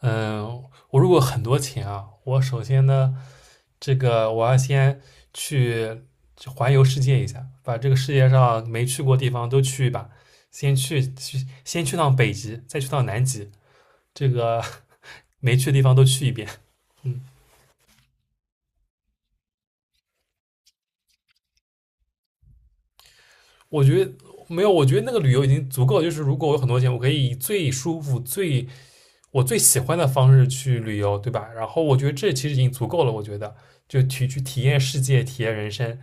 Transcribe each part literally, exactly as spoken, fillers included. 嗯，我如果很多钱啊，我首先呢，这个我要先去环游世界一下，把这个世界上没去过地方都去一把，先去去先去趟北极，再去趟南极，这个 没去的地方都去一遍。嗯，我觉得没有，我觉得那个旅游已经足够了，就是如果我有很多钱，我可以以最舒服、最我最喜欢的方式去旅游，对吧？然后我觉得这其实已经足够了。我觉得就体去体验世界，体验人生。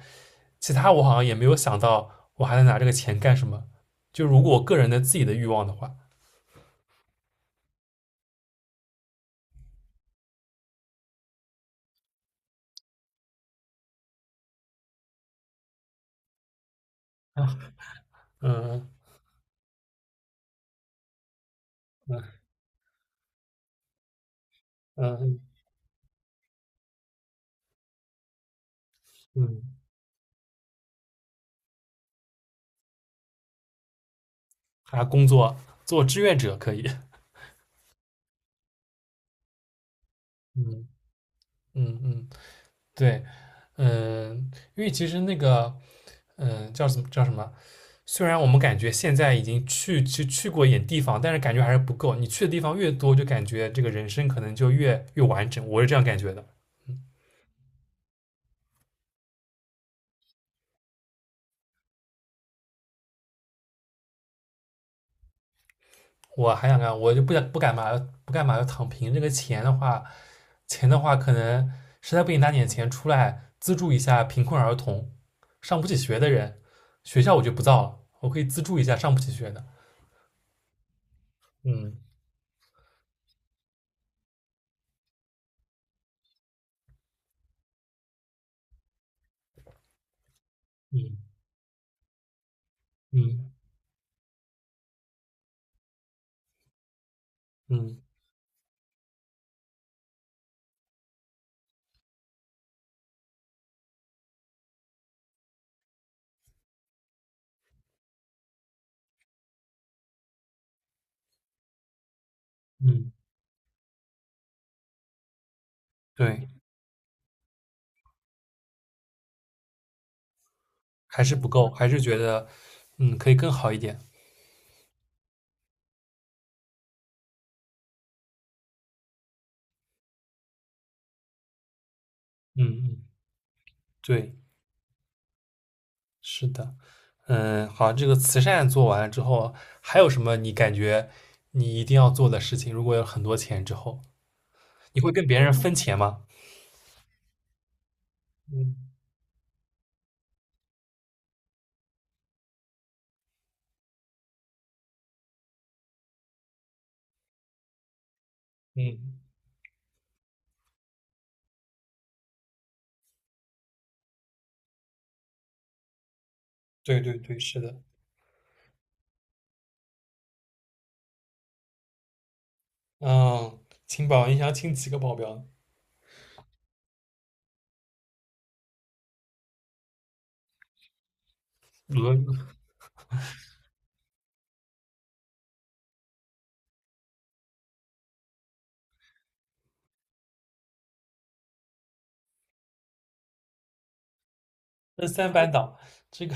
其他我好像也没有想到我还能拿这个钱干什么。就如果我个人的自己的欲望的话，嗯嗯嗯嗯，嗯还工作，做志愿者可以，嗯 嗯嗯，对，嗯，因为其实那个，嗯，叫什么叫什么？虽然我们感觉现在已经去去去过一点地方，但是感觉还是不够。你去的地方越多，就感觉这个人生可能就越越完整。我是这样感觉的。我还想干，我就不想不干嘛，不干嘛要躺平。这个钱的话，钱的话，可能实在不行拿点钱出来资助一下贫困儿童、上不起学的人。学校我就不造了，我可以资助一下上不起学的。嗯嗯嗯嗯嗯，对，还是不够，还是觉得嗯可以更好一点。嗯嗯，对，是的。嗯，好，这个慈善做完了之后，还有什么你感觉你一定要做的事情？如果有很多钱之后，你会跟别人分钱吗？嗯嗯，对对对，是的，嗯，请保，你想要请几个保镖？轮，那三班倒，这个，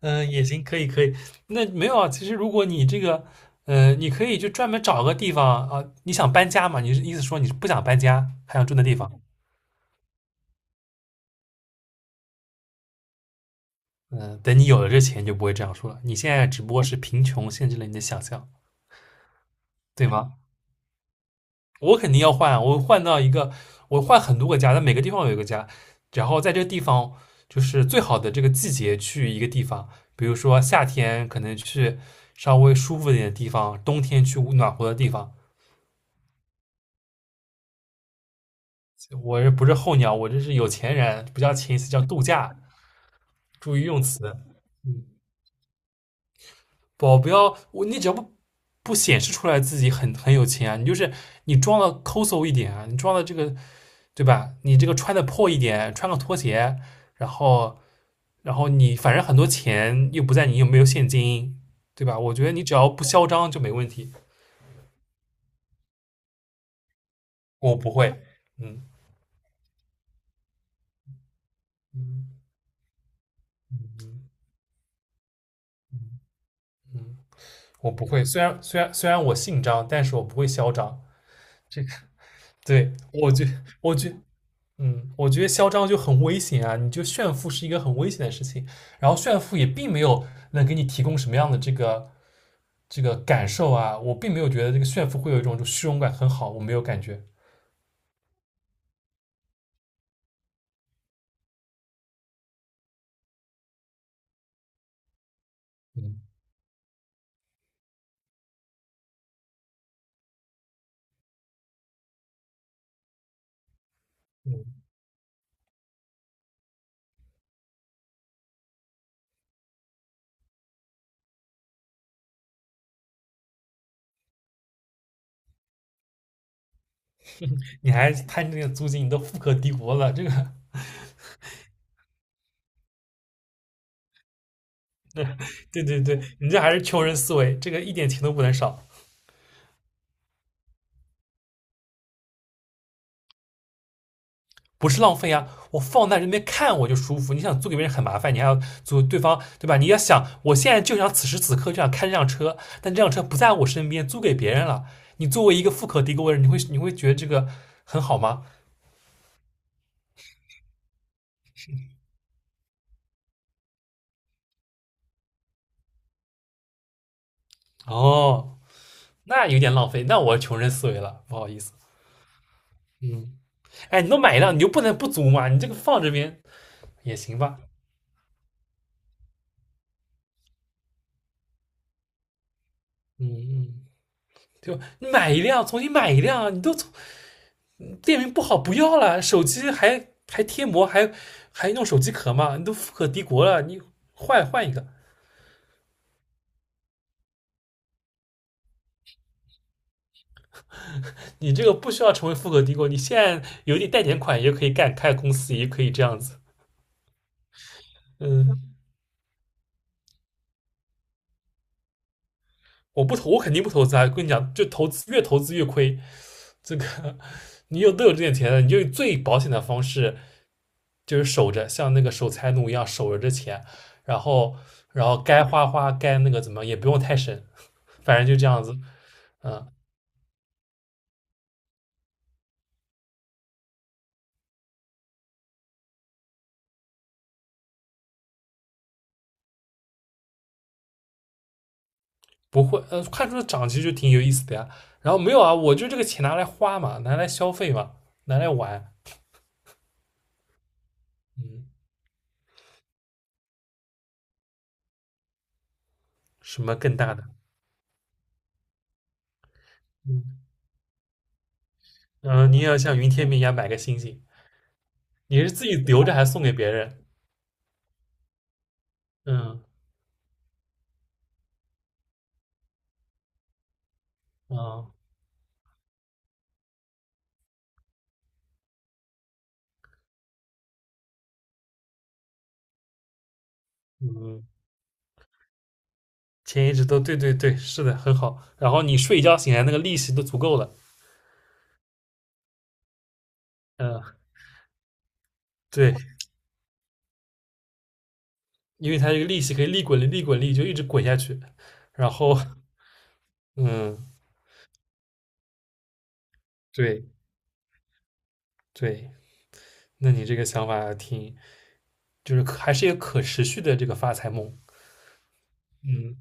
嗯，也行，可以可以。那没有啊，其实如果你这个，呃，你可以就专门找个地方啊，你想搬家嘛？你是意思说你是不想搬家，还想住那地方？嗯，等你有了这钱，你就不会这样说了。你现在只不过是贫穷限制了你的想象，对吗？我肯定要换啊，我换到一个，我换很多个家，但每个地方有一个家，然后在这个地方就是最好的这个季节去一个地方，比如说夏天可能去稍微舒服一点的地方，冬天去暖和的地方。我这不是候鸟，我这是有钱人，不叫前一次叫度假，注意用词。嗯，保镖，我，你只要不不显示出来自己很很有钱啊，你就是你装的抠搜一点啊，你装的这个，对吧？你这个穿的破一点，穿个拖鞋，然后。然后你反正很多钱又不在，你又没有现金，对吧？我觉得你只要不嚣张就没问题。我不会，嗯嗯嗯嗯嗯，我不会。虽然虽然虽然我姓张，但是我不会嚣张。这个，对，我觉我觉嗯，我觉得嚣张就很危险啊！你就炫富是一个很危险的事情，然后炫富也并没有能给你提供什么样的这个这个感受啊。我并没有觉得这个炫富会有一种就虚荣感很好，我没有感觉。嗯嗯。你还他那个租金你都富可敌国了，这个，对对对，你这还是穷人思维，这个一点钱都不能少，不是浪费啊！我放在这边看我就舒服，你想租给别人很麻烦，你还要租对方，对吧？你要想，我现在就想此时此刻就想开这辆车，但这辆车不在我身边，租给别人了，你作为一个富可敌国的人，你会你会觉得这个很好吗？哦，那有点浪费，那我穷人思维了，不好意思，嗯，哎，你都买一辆，你就不能不租吗？你这个放这边也行吧，嗯嗯。对吧？你买一辆，重新买一辆，你都从店名不好不要了，手机还还贴膜，还还弄手机壳嘛，你都富可敌国了，你换换一个，你这个不需要成为富可敌国，你现在有点贷点款也可以干，开公司也可以这样子。嗯，我不投，我肯定不投资啊！跟你讲，就投资越投资越亏。这个你有都有这点钱了，你就最保险的方式就是守着，像那个守财奴一样守着这钱，然后然后该花花，该那个怎么也不用太省。反正就这样子，嗯，不会，呃，看出涨其实就挺有意思的呀。然后没有啊，我就这个钱拿来花嘛，拿来消费嘛，拿来玩，嗯，什么更大的，嗯，嗯，你也要像云天明一样买个星星，你是自己留着还是送给别人？嗯，啊，嗯，钱一直都，对对对，是的，很好。然后你睡一觉醒来，那个利息都足够了，嗯，对，因为它这个利息可以利滚利，利滚利就一直滚下去。然后，嗯，对对，那你这个想法挺就是还是一个可持续的这个发财梦。嗯，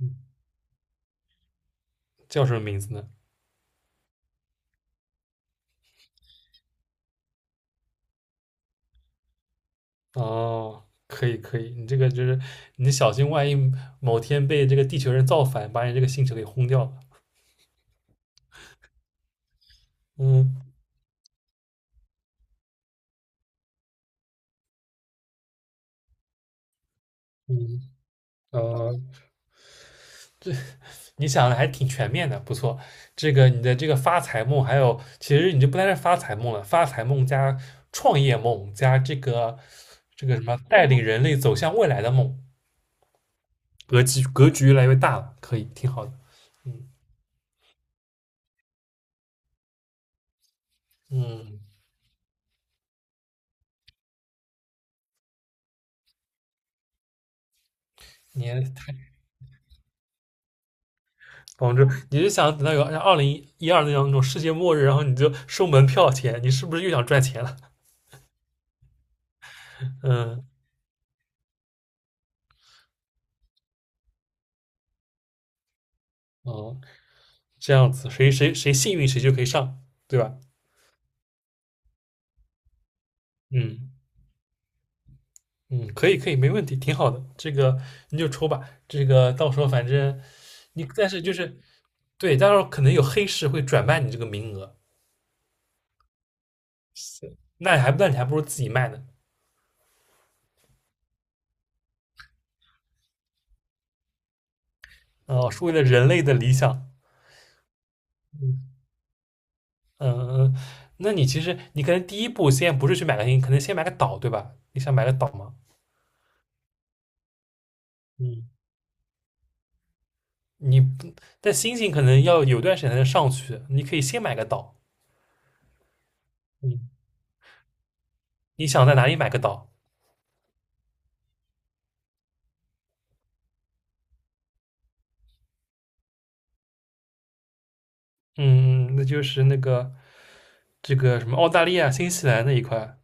嗯，叫什么名字呢？哦，可以可以，你这个就是你小心，万一某天被这个地球人造反，把你这个星球给轰掉了。嗯嗯，呃，这，你想的还挺全面的，不错。这个你的这个发财梦，还有其实你就不单是发财梦了，发财梦加创业梦加这个这个什么带领人类走向未来的梦，格局格局越来越大了，可以挺好的。嗯嗯，你，广州，你就想等到有二零一二那样那种世界末日，然后你就收门票钱，你是不是又想赚钱了？嗯，哦，这样子，谁谁谁幸运谁就可以上，对吧？嗯嗯，可以可以，没问题，挺好的。这个你就抽吧，这个到时候反正你，但是就是对，到时候可能有黑市会转卖你这个名额，是，那你还，那你还不如自己卖呢。哦，是为了人类的理想。嗯嗯嗯，那你其实你可能第一步先不是去买个星，可能先买个岛，对吧？你想买个岛吗？嗯，你不，但星星可能要有段时间才能上去，你可以先买个岛。嗯，你想在哪里买个岛？嗯，嗯，那就是那个这个什么澳大利亚、新西兰那一块。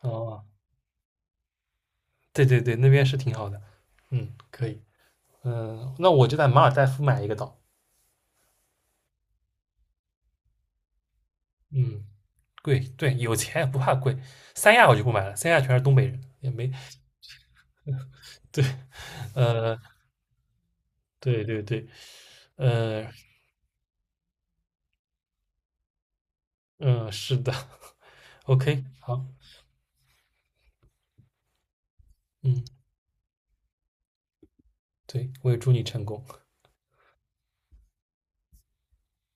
哦，对对对，那边是挺好的。嗯，可以。嗯，那我就在马尔代夫买一个岛。嗯，贵，对，有钱不怕贵。三亚我就不买了，三亚全是东北人，也没，对，呃。对对对，呃嗯、呃，是的 ，OK，好，嗯，对，我也祝你成功。